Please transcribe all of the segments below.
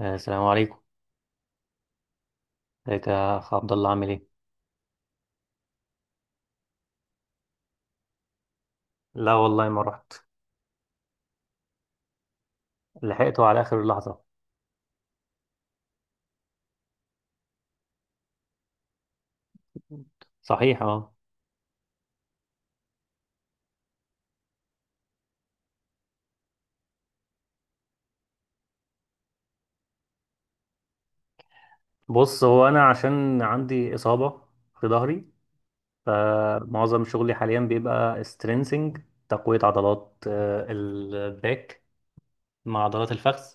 آه، السلام عليكم. ازيك يا اخ عبد الله، عامل ايه؟ لا والله ما رحت، لحقته على اخر اللحظه. صحيح اه. بص، هو انا عشان عندي اصابه في ظهري، فمعظم شغلي حاليا بيبقى سترينسنج، تقويه عضلات الباك مع عضلات الفخذ.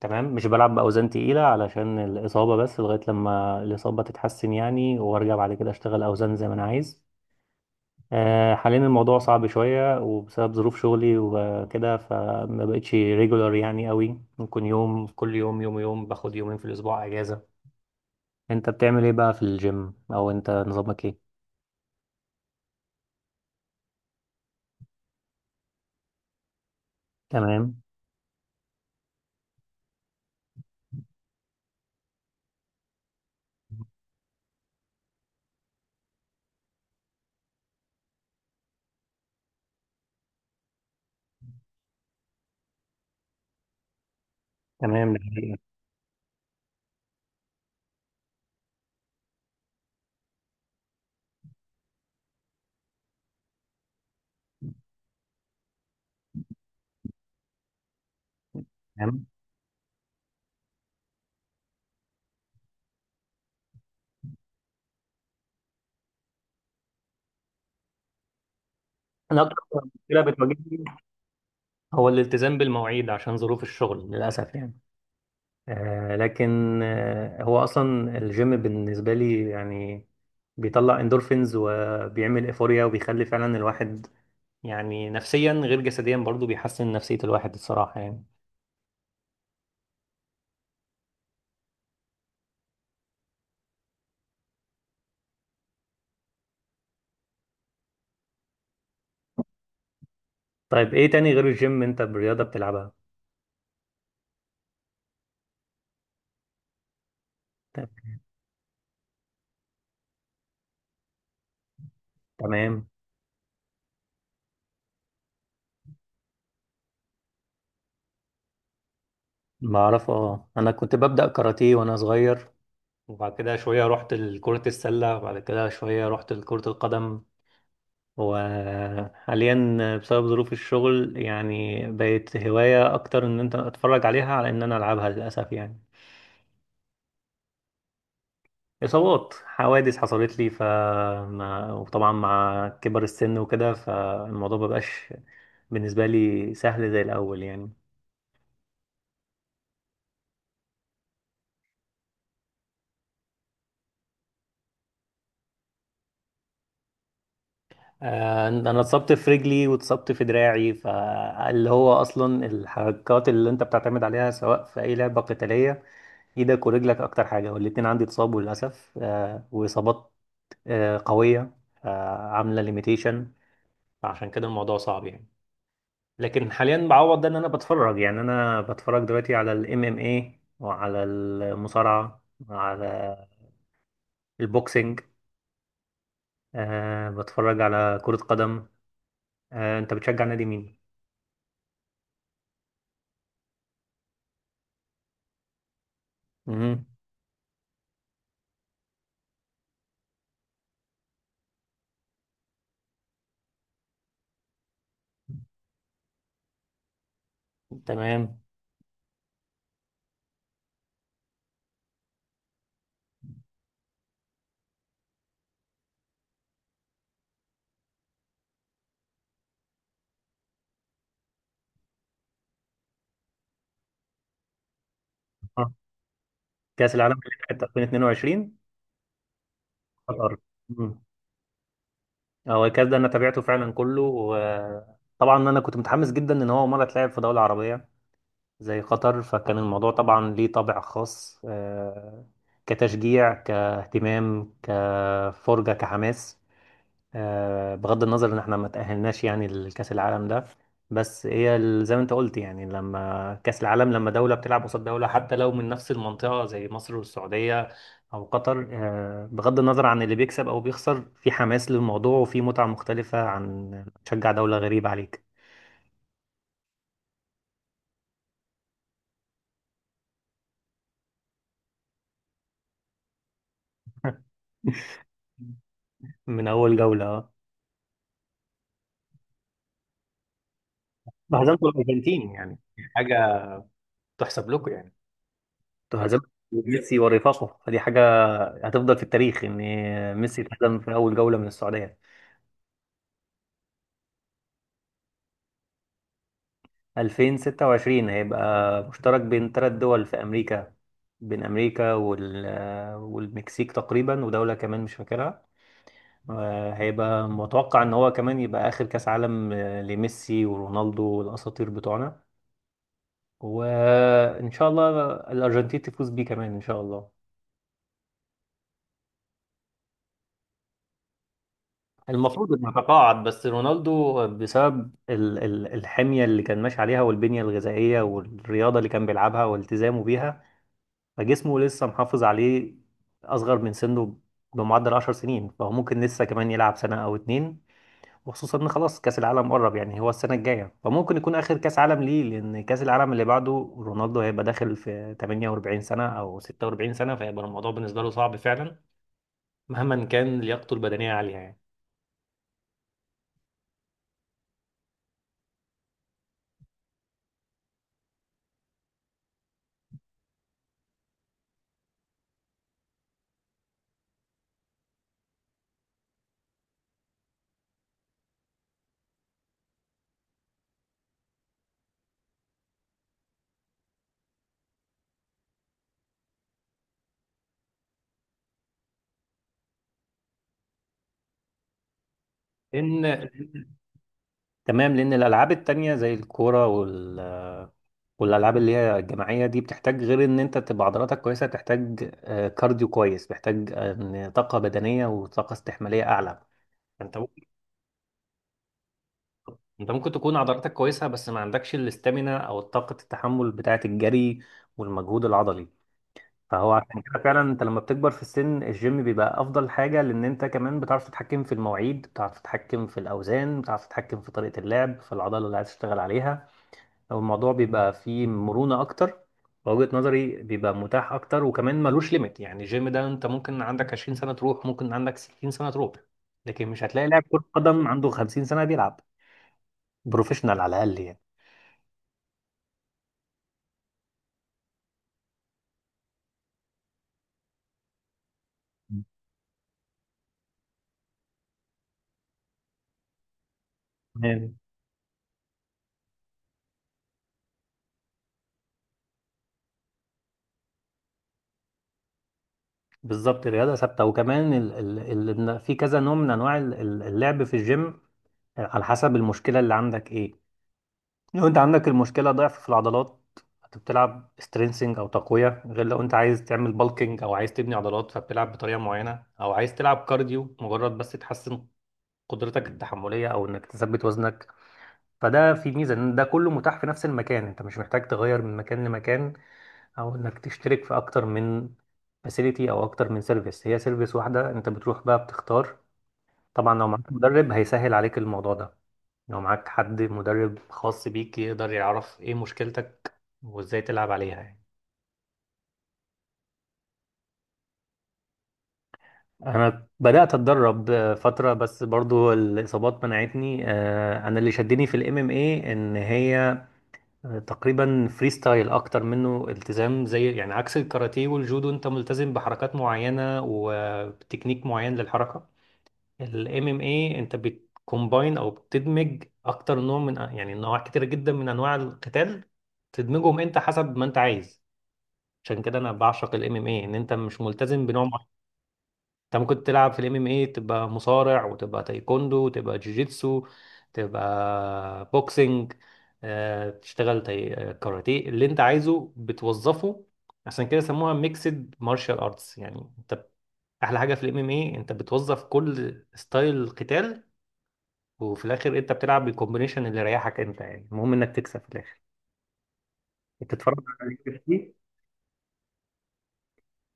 تمام، مش بلعب باوزان تقيله علشان الاصابه، بس لغايه لما الاصابه تتحسن يعني وارجع بعد كده اشتغل اوزان زي ما انا عايز. حاليا الموضوع صعب شوية وبسبب ظروف شغلي وكده، فما بقتش ريجولار يعني قوي، ممكن يوم كل يوم، يوم باخد يومين في الأسبوع أجازة. أنت بتعمل إيه بقى في الجيم، أو أنت نظامك إيه؟ تمام. تمام ده حقيقي. تمام. أنا أكتر مشكلة بتواجهني هو الالتزام بالمواعيد عشان ظروف الشغل للأسف يعني. آه لكن آه، هو أصلا الجيم بالنسبة لي يعني بيطلع اندورفينز وبيعمل ايفوريا وبيخلي فعلا الواحد يعني نفسيا غير جسديا برضو بيحسن نفسية الواحد الصراحة يعني. طيب، ايه تاني غير الجيم؟ انت برياضة بتلعبها؟ طيب، تمام. بعرف اه، انا كنت ببدأ كاراتيه وانا صغير، وبعد كده شوية رحت لكرة السلة، وبعد كده شوية رحت لكرة القدم، وحاليا بسبب ظروف الشغل يعني بقت هواية اكتر ان انت اتفرج عليها على ان انا العبها للأسف يعني. إصابات، حوادث حصلت لي، ف ما- وطبعا مع كبر السن وكده فالموضوع مبقاش بالنسبة لي سهل زي الأول يعني. أنا اتصبت في رجلي واتصبت في دراعي، فاللي هو أصلا الحركات اللي أنت بتعتمد عليها سواء في أي لعبة قتالية إيدك ورجلك أكتر حاجة، والاتنين عندي اتصابوا للأسف. وإصابات قوية، عاملة ليميتيشن، فعشان كده الموضوع صعب يعني. لكن حاليا بعوض ده إن أنا بتفرج، يعني أنا بتفرج دلوقتي على ال MMA وعلى المصارعة وعلى البوكسينج. بتفرج على كرة قدم. انت بتشجع نادي مين؟ امم. تمام. آه. كأس العالم بتاع 2022، قطر. مم. هو الكأس ده انا تابعته فعلا كله، وطبعا انا كنت متحمس جدا ان هو مرة اتلعب في دولة عربية زي قطر، فكان الموضوع طبعا ليه طابع خاص كتشجيع، كاهتمام، كفرجة، كحماس، بغض النظر ان احنا ما تأهلناش يعني لكأس العالم ده. بس هي زي ما انت قلت يعني، لما كأس العالم، لما دولة بتلعب قصاد دولة حتى لو من نفس المنطقة زي مصر والسعودية او قطر، بغض النظر عن اللي بيكسب او بيخسر، في حماس للموضوع وفي متعة مختلفة عن تشجع دولة غريبة عليك. من اول جولة آه. وهزمتوا الارجنتين يعني، حاجة تحسب لكم يعني. انتوا هزمتوا ميسي ورفاقه، فدي حاجة هتفضل في التاريخ ان ميسي اتهزم في اول جولة من السعودية. 2026 هيبقى مشترك بين ثلاث دول في أمريكا، بين أمريكا والمكسيك تقريبا ودولة كمان مش فاكرها. هيبقى متوقع إن هو كمان يبقى آخر كأس عالم لميسي ورونالدو والأساطير بتوعنا، وإن شاء الله الأرجنتين تفوز بيه كمان إن شاء الله. المفروض إنه تقاعد، بس رونالدو بسبب الحمية اللي كان ماشي عليها والبنية الغذائية والرياضة اللي كان بيلعبها والتزامه بيها، فجسمه لسه محافظ عليه، اصغر من سنه بمعدل 10 سنين، فهو ممكن لسه كمان يلعب سنة او اتنين، وخصوصا ان خلاص كاس العالم قرب يعني، هو السنة الجاية، فممكن يكون اخر كاس عالم ليه، لان كاس العالم اللي بعده رونالدو هيبقى داخل في 48 سنة او 46 سنة، فهيبقى الموضوع بالنسبة له صعب فعلا مهما كان لياقته البدنية عالية يعني. ان تمام، لان الالعاب التانية زي الكورة وال، والالعاب اللي هي الجماعيه دي بتحتاج غير ان انت تبقى عضلاتك كويسه، تحتاج كارديو كويس، محتاج إن طاقه بدنيه وطاقه استحماليه اعلى. انت ممكن انت ممكن تكون عضلاتك كويسه بس ما عندكش الاستامينا او طاقه التحمل بتاعه الجري والمجهود العضلي، فهو عشان كده فعلا انت لما بتكبر في السن الجيم بيبقى افضل حاجه، لان انت كمان بتعرف تتحكم في المواعيد، بتعرف تتحكم في الاوزان، بتعرف تتحكم في طريقه اللعب في العضله اللي عايز تشتغل عليها، او الموضوع بيبقى فيه مرونة اكتر، وجهة نظري بيبقى متاح اكتر، وكمان ملوش ليميت يعني. الجيم ده انت ممكن عندك 20 سنة تروح، ممكن عندك 60 سنة تروح، لكن مش هتلاقي لاعب كرة قدم عنده 50 سنة بيلعب بروفيشنال على الاقل يعني. تمام. بالظبط الرياضة ثابتة، وكمان ال إن في كذا نوع من انواع اللعب في الجيم على حسب المشكلة اللي عندك ايه. لو انت عندك المشكلة ضعف في العضلات، فبتلعب سترينسنج او تقوية، غير لو انت عايز تعمل بالكينج او عايز تبني عضلات فبتلعب بطريقة معينة، او عايز تلعب كارديو مجرد بس تحسن قدرتك التحملية او انك تثبت وزنك. فده في ميزة ان ده كله متاح في نفس المكان، انت مش محتاج تغير من مكان لمكان، او انك تشترك في اكتر من فاسيليتي او اكتر من سيرفيس، هي سيرفيس واحدة انت بتروح بقى بتختار. طبعا لو معاك مدرب هيسهل عليك الموضوع ده، لو معاك حد مدرب خاص بيك يقدر يعرف ايه مشكلتك وازاي تلعب عليها يعني. انا بدأت اتدرب فترة بس برضو الاصابات منعتني. انا اللي شدني في الام ام اي ان هي تقريبا فري ستايل اكتر منه التزام زي، يعني عكس الكاراتيه والجودو انت ملتزم بحركات معينة وتكنيك معين للحركة. الام ام اي انت بتكومباين او بتدمج اكتر نوع من يعني انواع كتير جدا من انواع القتال، تدمجهم انت حسب ما انت عايز. عشان كده انا بعشق الام ام اي، ان انت مش ملتزم بنوع معين. انت ممكن تلعب في الام ام اي تبقى مصارع، وتبقى تايكوندو، وتبقى جوجيتسو، تبقى بوكسنج، تشتغل كاراتيه، اللي انت عايزه بتوظفه. عشان كده سموها ميكسد مارشال ارتس يعني. انت احلى حاجه في الام ام اي انت بتوظف كل ستايل قتال، وفي الاخر انت بتلعب بالكومبينيشن اللي يريحك انت يعني، المهم انك تكسب في الاخر. بتتفرج على اليو اف سي؟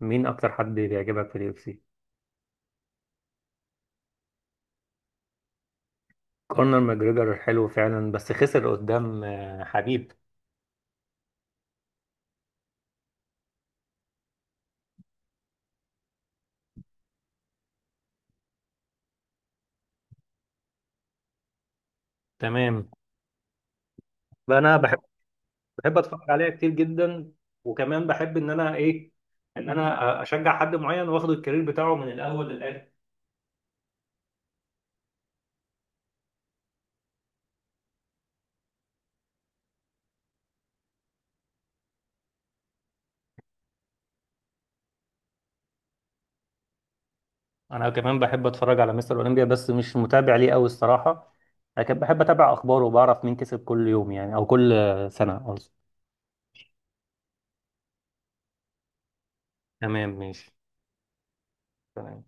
مين اكتر حد بيعجبك في اليو اف سي؟ كونر ماجريجر حلو فعلا، بس خسر قدام حبيب. تمام. فانا بحب بحب اتفرج عليها كتير جدا، وكمان بحب ان انا ايه، ان انا اشجع حد معين واخد الكارير بتاعه من الاول للاخر. انا كمان بحب اتفرج على مستر اولمبيا، بس مش متابع ليه قوي الصراحه، لكن بحب اتابع اخباره وبعرف مين كسب كل يوم يعني، او كل سنه قصدي. تمام ماشي. تمام.